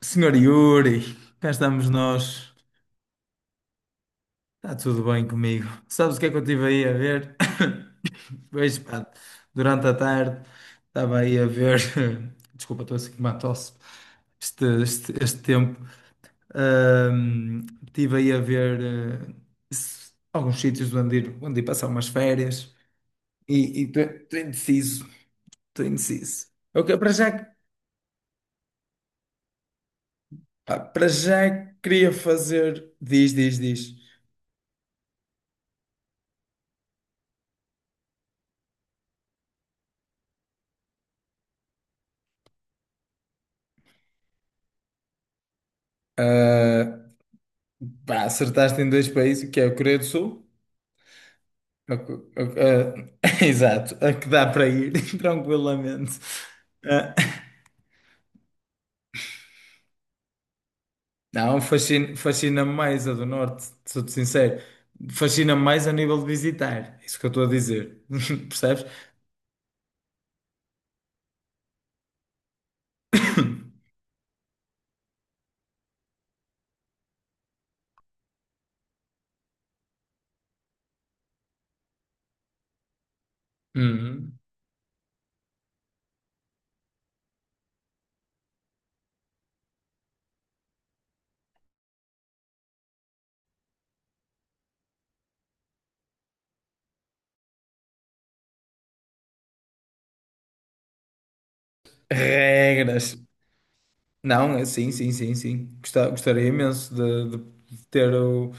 Senhor Yuri, cá estamos nós. Está tudo bem comigo. Sabes o que é que eu estive aí a ver? Vejo, pá, durante a tarde estava aí a ver. Desculpa, estou assim com uma tosse. Este tempo. Estive aí a ver alguns sítios onde ir, passar umas férias e estou indeciso. Estou indeciso. Para já, pá, para já queria fazer. Diz, diz, diz. Ah, pá, acertaste em dois países, que é a Coreia do Sul. A co- a- Exato, a que dá para ir tranquilamente. Ah, não, fascina-me mais a do Norte, sou-te sincero. Fascina-me mais a nível de visitar. É isso que eu estou a dizer. Percebes? Uhum. Regras. Não, sim, sim, sim, sim. Gostaria imenso de ter o.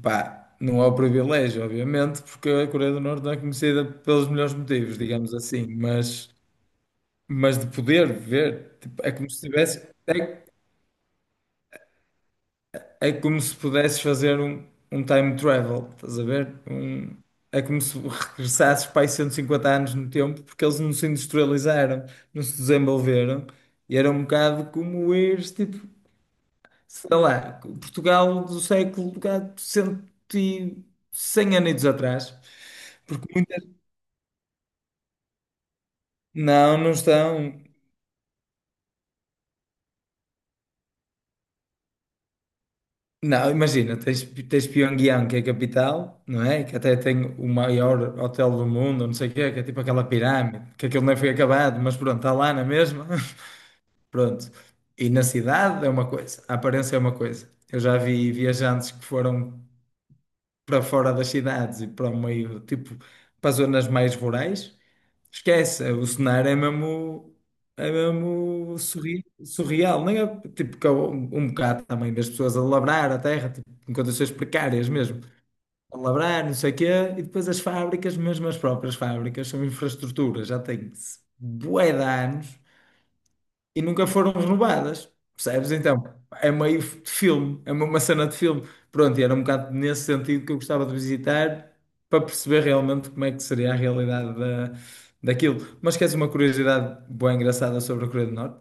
Pá, não é o privilégio, obviamente, porque a Coreia do Norte não é conhecida pelos melhores motivos, digamos assim, mas. Mas de poder ver, tipo, é como se tivesse, é como se pudesses fazer um time travel, estás a ver? Um, é como se regressasses para aí 150 anos no tempo, porque eles não se industrializaram, não se desenvolveram, e era um bocado como ires, tipo, sei lá, Portugal do século cá, cento e 100 anos atrás, porque muitas. Não, não estão. Não, imagina, tens Pyongyang, que é a capital, não é? Que até tem o maior hotel do mundo, não sei o quê, que é tipo aquela pirâmide, que aquilo nem foi acabado, mas pronto, está lá na mesma. Pronto. E na cidade é uma coisa, a aparência é uma coisa. Eu já vi viajantes que foram para fora das cidades e para o meio, tipo, para as zonas mais rurais, esquece, o cenário é mesmo surreal, nem é? Tipo, que é um bocado também das pessoas a labrar a terra, tipo, em condições precárias mesmo, a labrar, não sei o quê, e depois as fábricas, mesmo as próprias fábricas, são infraestruturas, já têm bué de anos e nunca foram renovadas, percebes? Então, é meio de filme, é uma cena de filme. Pronto, e era um bocado nesse sentido que eu gostava de visitar para perceber realmente como é que seria a realidade daquilo. Mas queres uma curiosidade boa engraçada sobre a Coreia do Norte?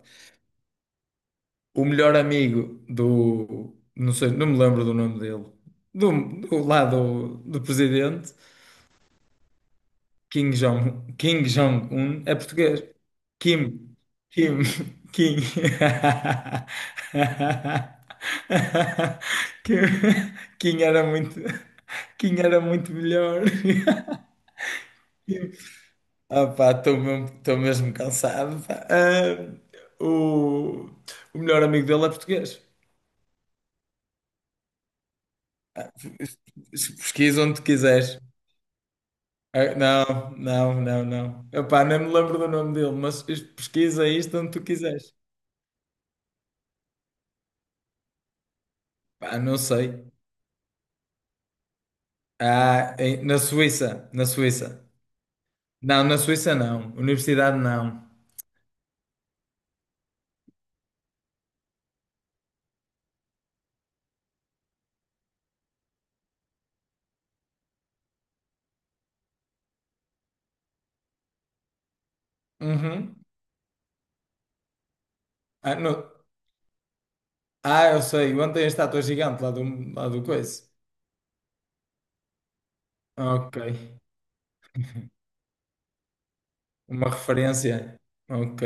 O melhor amigo do, não sei, não me lembro do nome dele, do, do lá do presidente, Kim Jong-un é português. Kim, Kim, Kim. Kim, Kim era muito, Kim era muito melhor. Kim. Ah, pá, estou mesmo cansado. Pá. Ah, o, o melhor amigo dele é português. Ah, pesquisa onde quiseres. Ah, não, não, não, não. Epá, nem me lembro do nome dele, mas pesquisa isto onde tu quiseres. Pá, não sei. Ah, na Suíça. Não, na Suíça não. Universidade não. Uhum. Ah, eu sei. Ontem tem a estátua gigante lá do coice. Ok. Uma referência. Ok.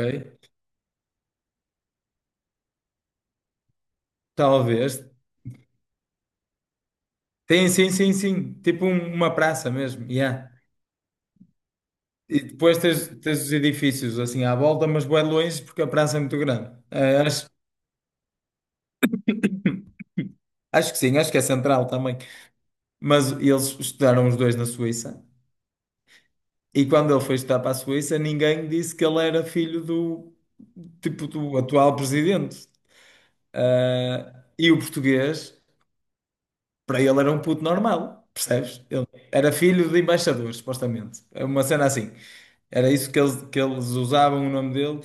Talvez. Tem, sim, sim, sim. Tipo uma praça mesmo. Yeah. E depois tens os edifícios assim à volta, mas bué longe porque a praça é muito grande. Ah, acho que sim, acho que é central também. Mas eles estudaram os dois na Suíça. E quando ele foi estudar para a Suíça, ninguém disse que ele era filho do, tipo, do atual presidente. Ah, e o português, para ele era um puto normal, percebes? Ele era filho de embaixadores, supostamente. É uma cena assim. Era isso que eles usavam o nome dele.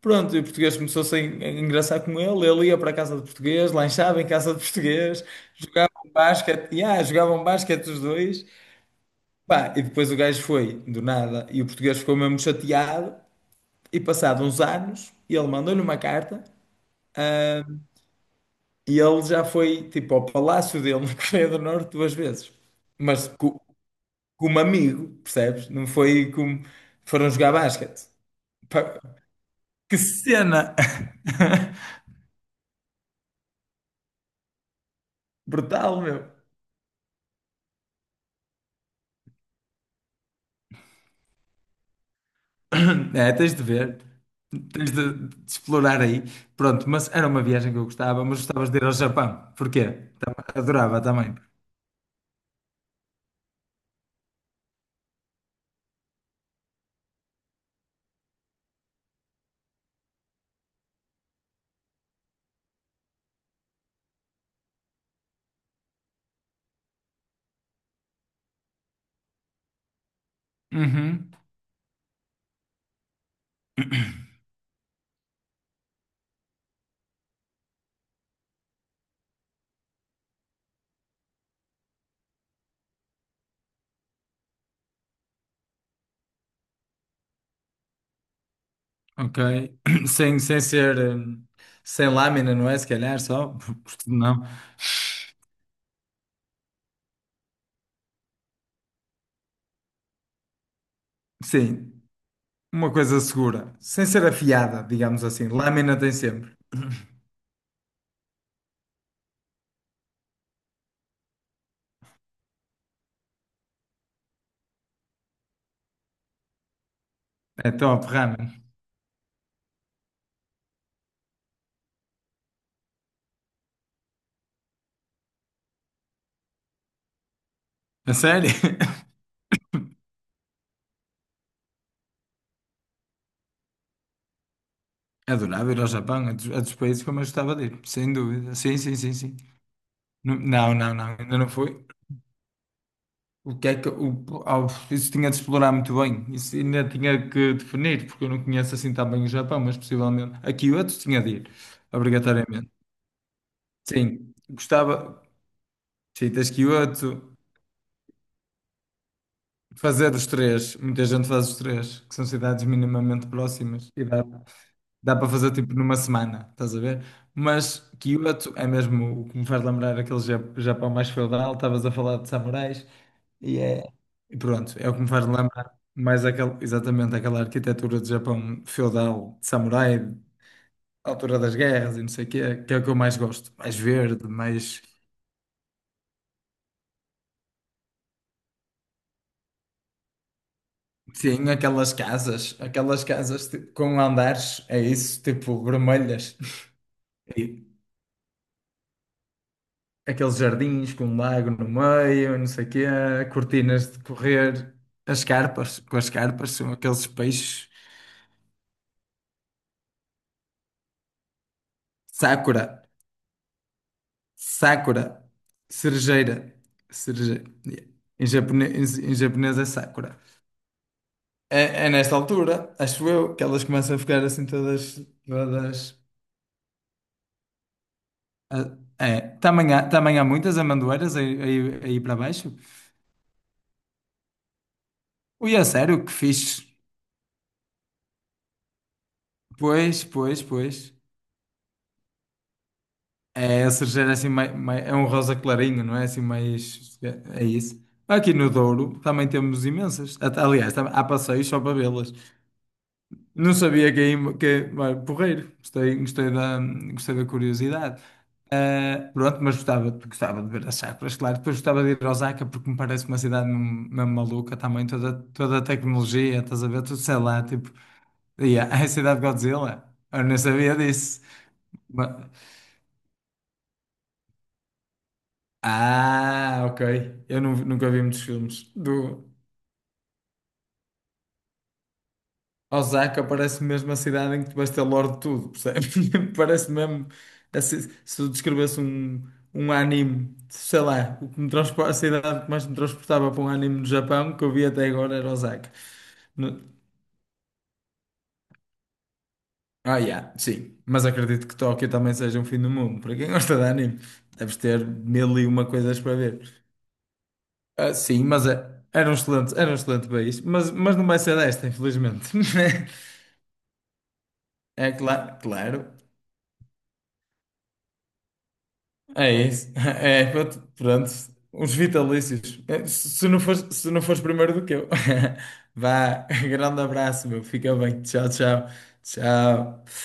Pronto, e o português começou-se a engraçar com ele. Ele ia para a casa de português, lanchava em casa de português, jogavam basquete, yeah, jogavam basquete os dois. Pá, e depois o gajo foi, do nada, e o português ficou mesmo chateado. E passado uns anos, ele mandou-lhe uma carta, ah, e ele já foi tipo ao palácio dele na Coreia do Norte duas vezes. Mas co- como amigo, percebes? Não foi como foram jogar basquete. Pá, que cena! Brutal, meu. É, tens de ver. Tens de explorar aí. Pronto, mas era uma viagem que eu gostava, mas gostavas de ir ao Japão. Porquê? Tam- Adorava também. Uhum. Ok. Sem ser, sem lâmina, não é? Se calhar só, porque não. Sim, uma coisa segura. Sem ser afiada, digamos assim. Lâmina tem sempre. É top, ramen. A sério? Adorava ir ao Japão, é dos países que eu mais gostava de ir, sem dúvida. Sim, sim, sim, sim. Não, não, não, ainda não foi. O que é que o, ao- isso tinha de explorar muito bem, isso ainda tinha que definir, porque eu não conheço assim tão bem o Japão, mas possivelmente a Kyoto tinha de ir, obrigatoriamente. Sim, gostava. Sim, tens Kyoto, fazer os três. Muita gente faz os três, que são cidades minimamente próximas e dá para fazer tipo numa semana, estás a ver? Mas Kyoto é mesmo o que me faz lembrar aquele Japão mais feudal, estavas a falar de samurais e é. E pronto, é o que me faz lembrar mais aquele, exatamente aquela arquitetura de Japão feudal, de samurai, altura das guerras e não sei o quê, que é o que eu mais gosto. Mais verde, mais. Sim, aquelas casas tipo, com andares, é isso, tipo vermelhas. E aqueles jardins com um lago no meio, não sei o quê, cortinas de correr, as carpas, com as carpas são aqueles peixes. Sakura, Sakura, cerejeira, cerejeira. Yeah. Em japonês é Sakura. É, é nesta altura, acho eu, que elas começam a ficar assim todas, todas. Ah, é, também há muitas amendoeiras aí, aí, aí para baixo. Ui, a sério, que fixe. Pois, pois, pois. É, a cerejeira assim, é um rosa clarinho, não é? Assim, mais. É isso. Aqui no Douro também temos imensas. Aliás, há passeios só para vê-las. Não sabia que é vai, porreiro. Gostei da curiosidade. Ah, pronto, mas gostava de ver as chacras, claro. Depois gostava de ir a Osaka porque me parece uma cidade mesmo mesmo maluca também, toda a tecnologia, estás a ver? Tudo, sei lá, tipo, yeah, é a cidade de Godzilla. Eu não sabia disso. Mas- Ah, ok. Eu nunca vi muitos filmes do, Osaka parece mesmo a cidade em que tu vais ter lore de tudo, percebes? Parece mesmo. Assim, se eu descrevesse um anime, sei lá, o que me a cidade que mais me transportava para um anime no Japão que eu vi até agora era Osaka. No- Ah, yeah, sim. Mas acredito que Tóquio também seja um fim do mundo. Para quem gosta de anime, deves ter mil e uma coisas para ver. Ah, sim, mas era um excelente país. Mas não vai ser desta, infelizmente. É claro, claro. É isso. É, pronto. Pronto. Uns vitalícios. É, se não fores primeiro do que eu. Vá, grande abraço, meu. Fica bem. Tchau, tchau. Tchau.